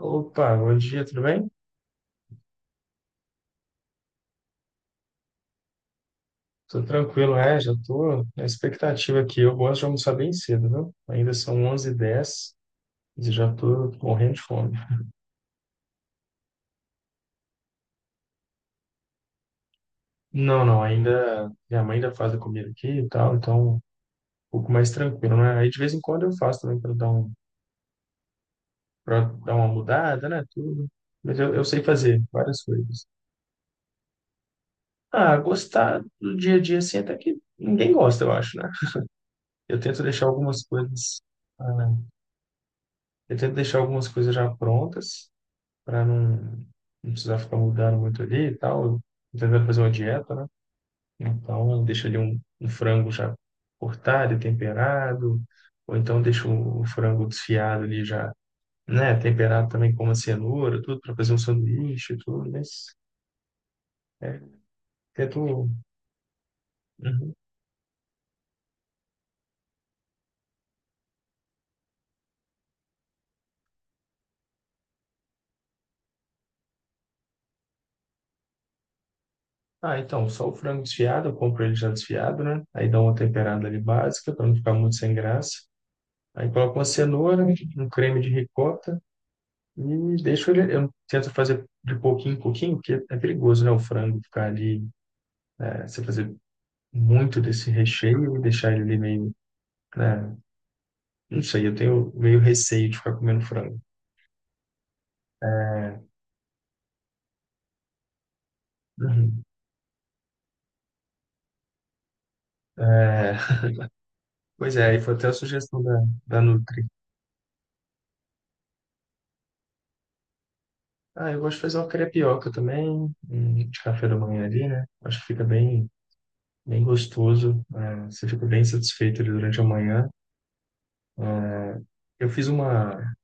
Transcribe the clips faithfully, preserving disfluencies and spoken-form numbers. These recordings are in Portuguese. Opa, bom dia, tudo bem? Tô tranquilo, é, já tô na expectativa aqui. Eu gosto de almoçar bem cedo, viu? Ainda são onze h 10 e já tô morrendo de fome. Não, não, ainda minha mãe ainda faz a comida aqui e tal, então um pouco mais tranquilo, né? Aí de vez em quando eu faço também para dar um, para dar uma mudada, né, tudo. Mas eu, eu sei fazer várias coisas. Ah, gostar do dia a dia assim até que ninguém gosta, eu acho, né? Eu tento deixar algumas coisas, ah, eu tento deixar algumas coisas já prontas para não, não precisar ficar mudando muito ali e tal. Tentando fazer uma dieta, né? Então, deixa ali um, um frango já cortado e temperado, ou então deixa o, o frango desfiado ali já, né? Temperado também com uma cenoura, tudo, para fazer um sanduíche e tudo, mas é, tento. Uhum. Ah, então, só o frango desfiado, eu compro ele já desfiado, né? Aí dá uma temperada ali básica, para não ficar muito sem graça. Aí coloco uma cenoura, um creme de ricota, e deixo ele, eu tento fazer de pouquinho em pouquinho, porque é perigoso, né? O frango ficar ali, é, você fazer muito desse recheio e deixar ele ali meio, né? Não sei, eu tenho meio receio de ficar comendo frango. É, uhum. É, pois é, aí foi até a sugestão da, da, Nutri. Ah, eu gosto de fazer uma crepioca também, hum, de café da manhã ali, né? Acho que fica bem, bem gostoso, é, você fica bem satisfeito ali durante a manhã. É, eu fiz uma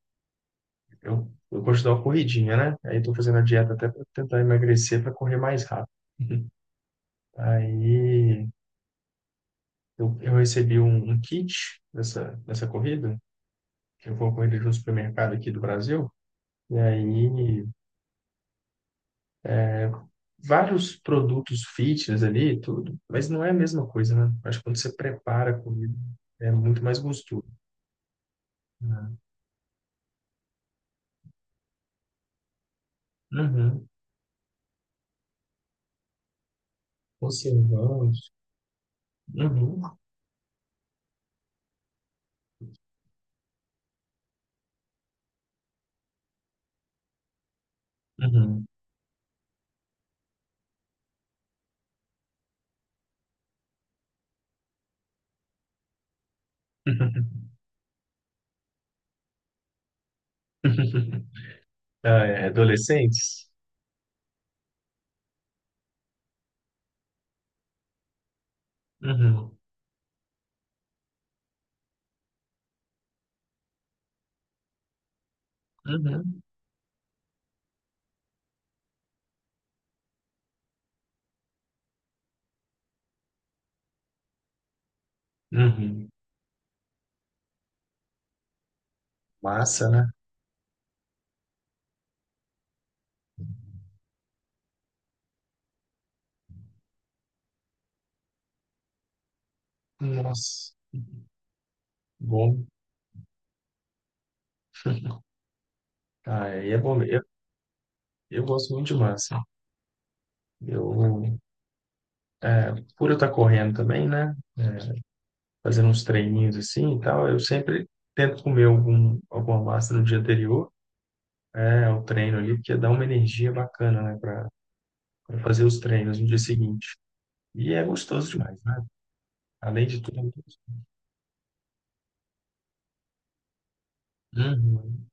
Eu, eu gosto de dar uma corridinha, né? Aí estou fazendo a dieta até para tentar emagrecer para correr mais rápido. Aí eu, eu recebi um, um kit dessa, dessa corrida, que eu vou corrida de um supermercado aqui do Brasil, e aí vários produtos fitness ali, e tudo, mas não é a mesma coisa, né? Acho que quando você prepara a comida, é muito mais gostoso. Né? Uhum. Conservantes. Uhum. Uhum. Ah, é, adolescentes? Uhum. Uhum. Uhum. Massa, né? Nossa, bom. Ah, aí é bom. Eu, eu gosto muito de massa. Eu, é, por eu estar correndo também, né? É, fazendo uns treininhos assim e tal, eu sempre tento comer algum, alguma massa no dia anterior, é, ao treino ali, porque dá uma energia bacana, né? Para fazer os treinos no dia seguinte. E é gostoso demais, né? Além de tudo, é muito gostoso. Uhum.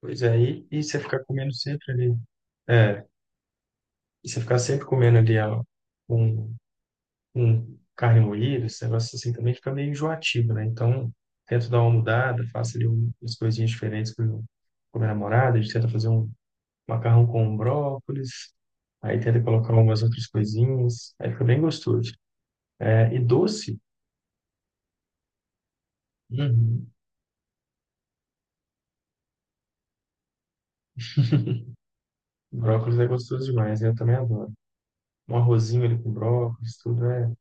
Pois é, e, e você ficar comendo sempre ali. É, e você ficar sempre comendo ali ó, um com carne moída, esse negócio assim também fica meio enjoativo, né? Então, tento dar uma mudada, faço ali um- umas coisinhas diferentes com, com minha namorada, a gente tenta fazer um macarrão com brócolis, aí tenta colocar umas outras coisinhas, aí fica bem gostoso. É, e doce, uhum. Brócolis é gostoso demais, né? Eu também adoro. Um arrozinho ali com brócolis, tudo é...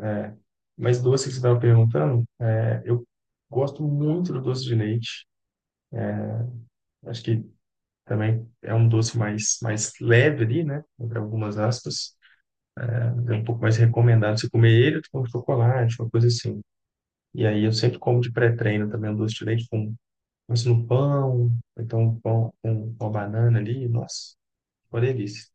É. Mas doce que você estava perguntando, é, eu gosto muito do doce de leite, acho que também é um doce mais, mais leve ali, né? Entre algumas aspas. É um pouco mais recomendado você comer ele do que um chocolate, uma coisa assim. E aí eu sempre como de pré-treino também um doce de leite com, com isso no pão, ou então um pão com com uma banana ali. Nossa, uma delícia.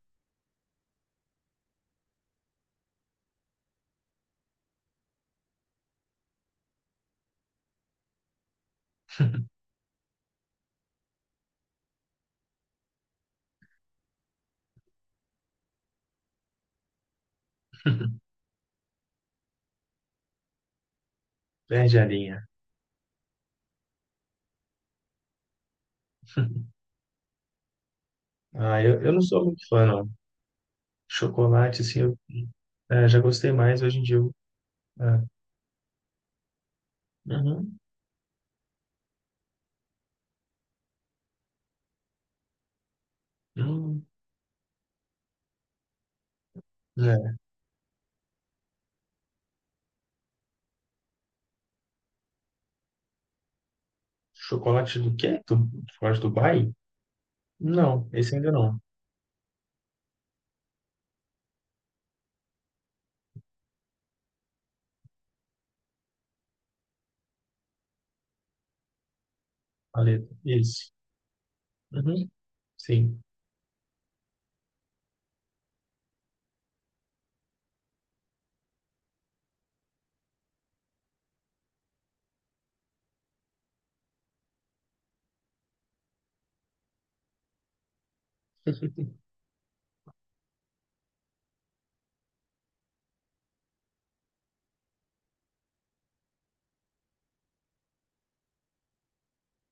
Perde a linha. Ah, eu, eu não sou muito fã, não. Chocolate, assim, eu eh, já gostei mais. Hoje em dia, eu, ah, uhum, hum, é. Chocolate do quê? Do, chocolate do Dubai? Não, esse ainda não. Paleta. Isso. Uhum. Sim.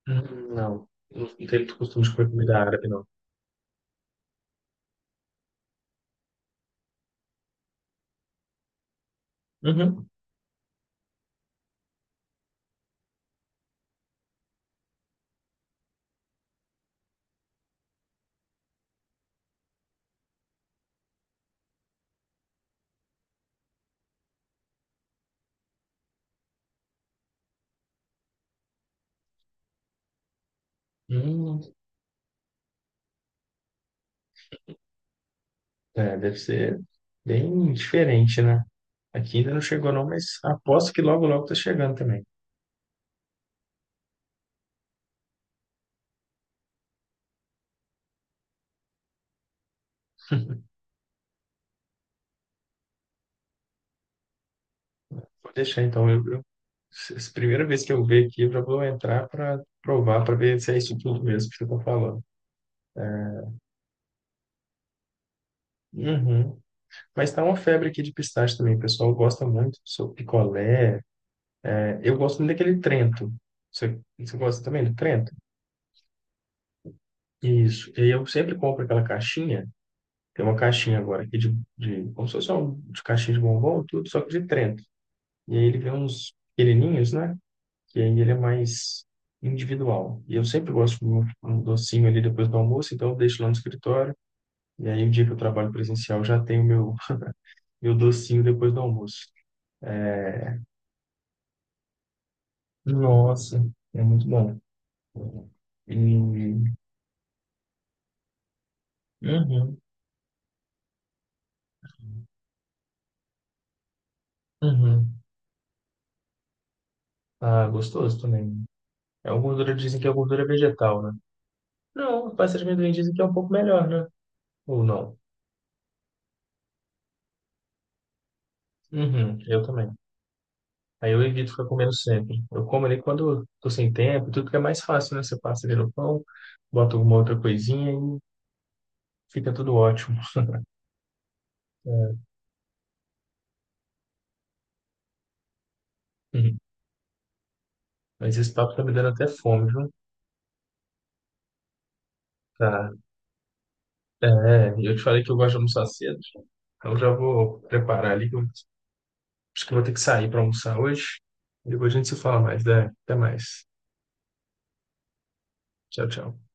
Hum, não. Não tenho costumes com a comida árabe, não. Uhum. Hum, é, deve ser bem diferente, né? Aqui ainda não chegou, não, mas aposto que logo, logo tá chegando também. Vou deixar, então. Eu, eu, se- se- Primeira vez que eu ver aqui, eu já vou entrar para provar, para ver se é isso tudo mesmo que você tá falando. Uhum. Mas tá uma febre aqui de pistache também. O pessoal gosta muito. Sou picolé. É, eu gosto muito daquele Trento. Você, você gosta também do Trento? Isso. E aí eu sempre compro aquela caixinha. Tem uma caixinha agora aqui de, de, como se fosse um, de caixinha de bombom, tudo, só que de Trento. E aí ele vem uns pequenininhos, né? Que aí ele é mais individual. E eu sempre gosto de um, um docinho ali depois do almoço, então eu deixo lá no escritório. E aí o dia que eu trabalho presencial já tenho meu, meu docinho depois do almoço. Nossa, é muito bom. E... Uhum, uhum. Ah, gostoso também. É uma gordura, dizem que é gordura vegetal, né? Não, pasta de amendoim dizem que é um pouco melhor, né? Ou não? Uhum, eu também. Aí eu evito ficar comendo sempre. Eu como ali quando eu tô sem tempo, tudo que é mais fácil, né? Você passa ali no pão, bota alguma outra coisinha e fica tudo ótimo. É. Uhum. Mas esse papo tá me dando até fome, viu? Tá. É, eu te falei que eu gosto de almoçar cedo. Então já vou preparar ali, que eu acho que eu vou ter que sair para almoçar hoje. Depois a gente se fala mais, né? Até mais. Tchau, tchau.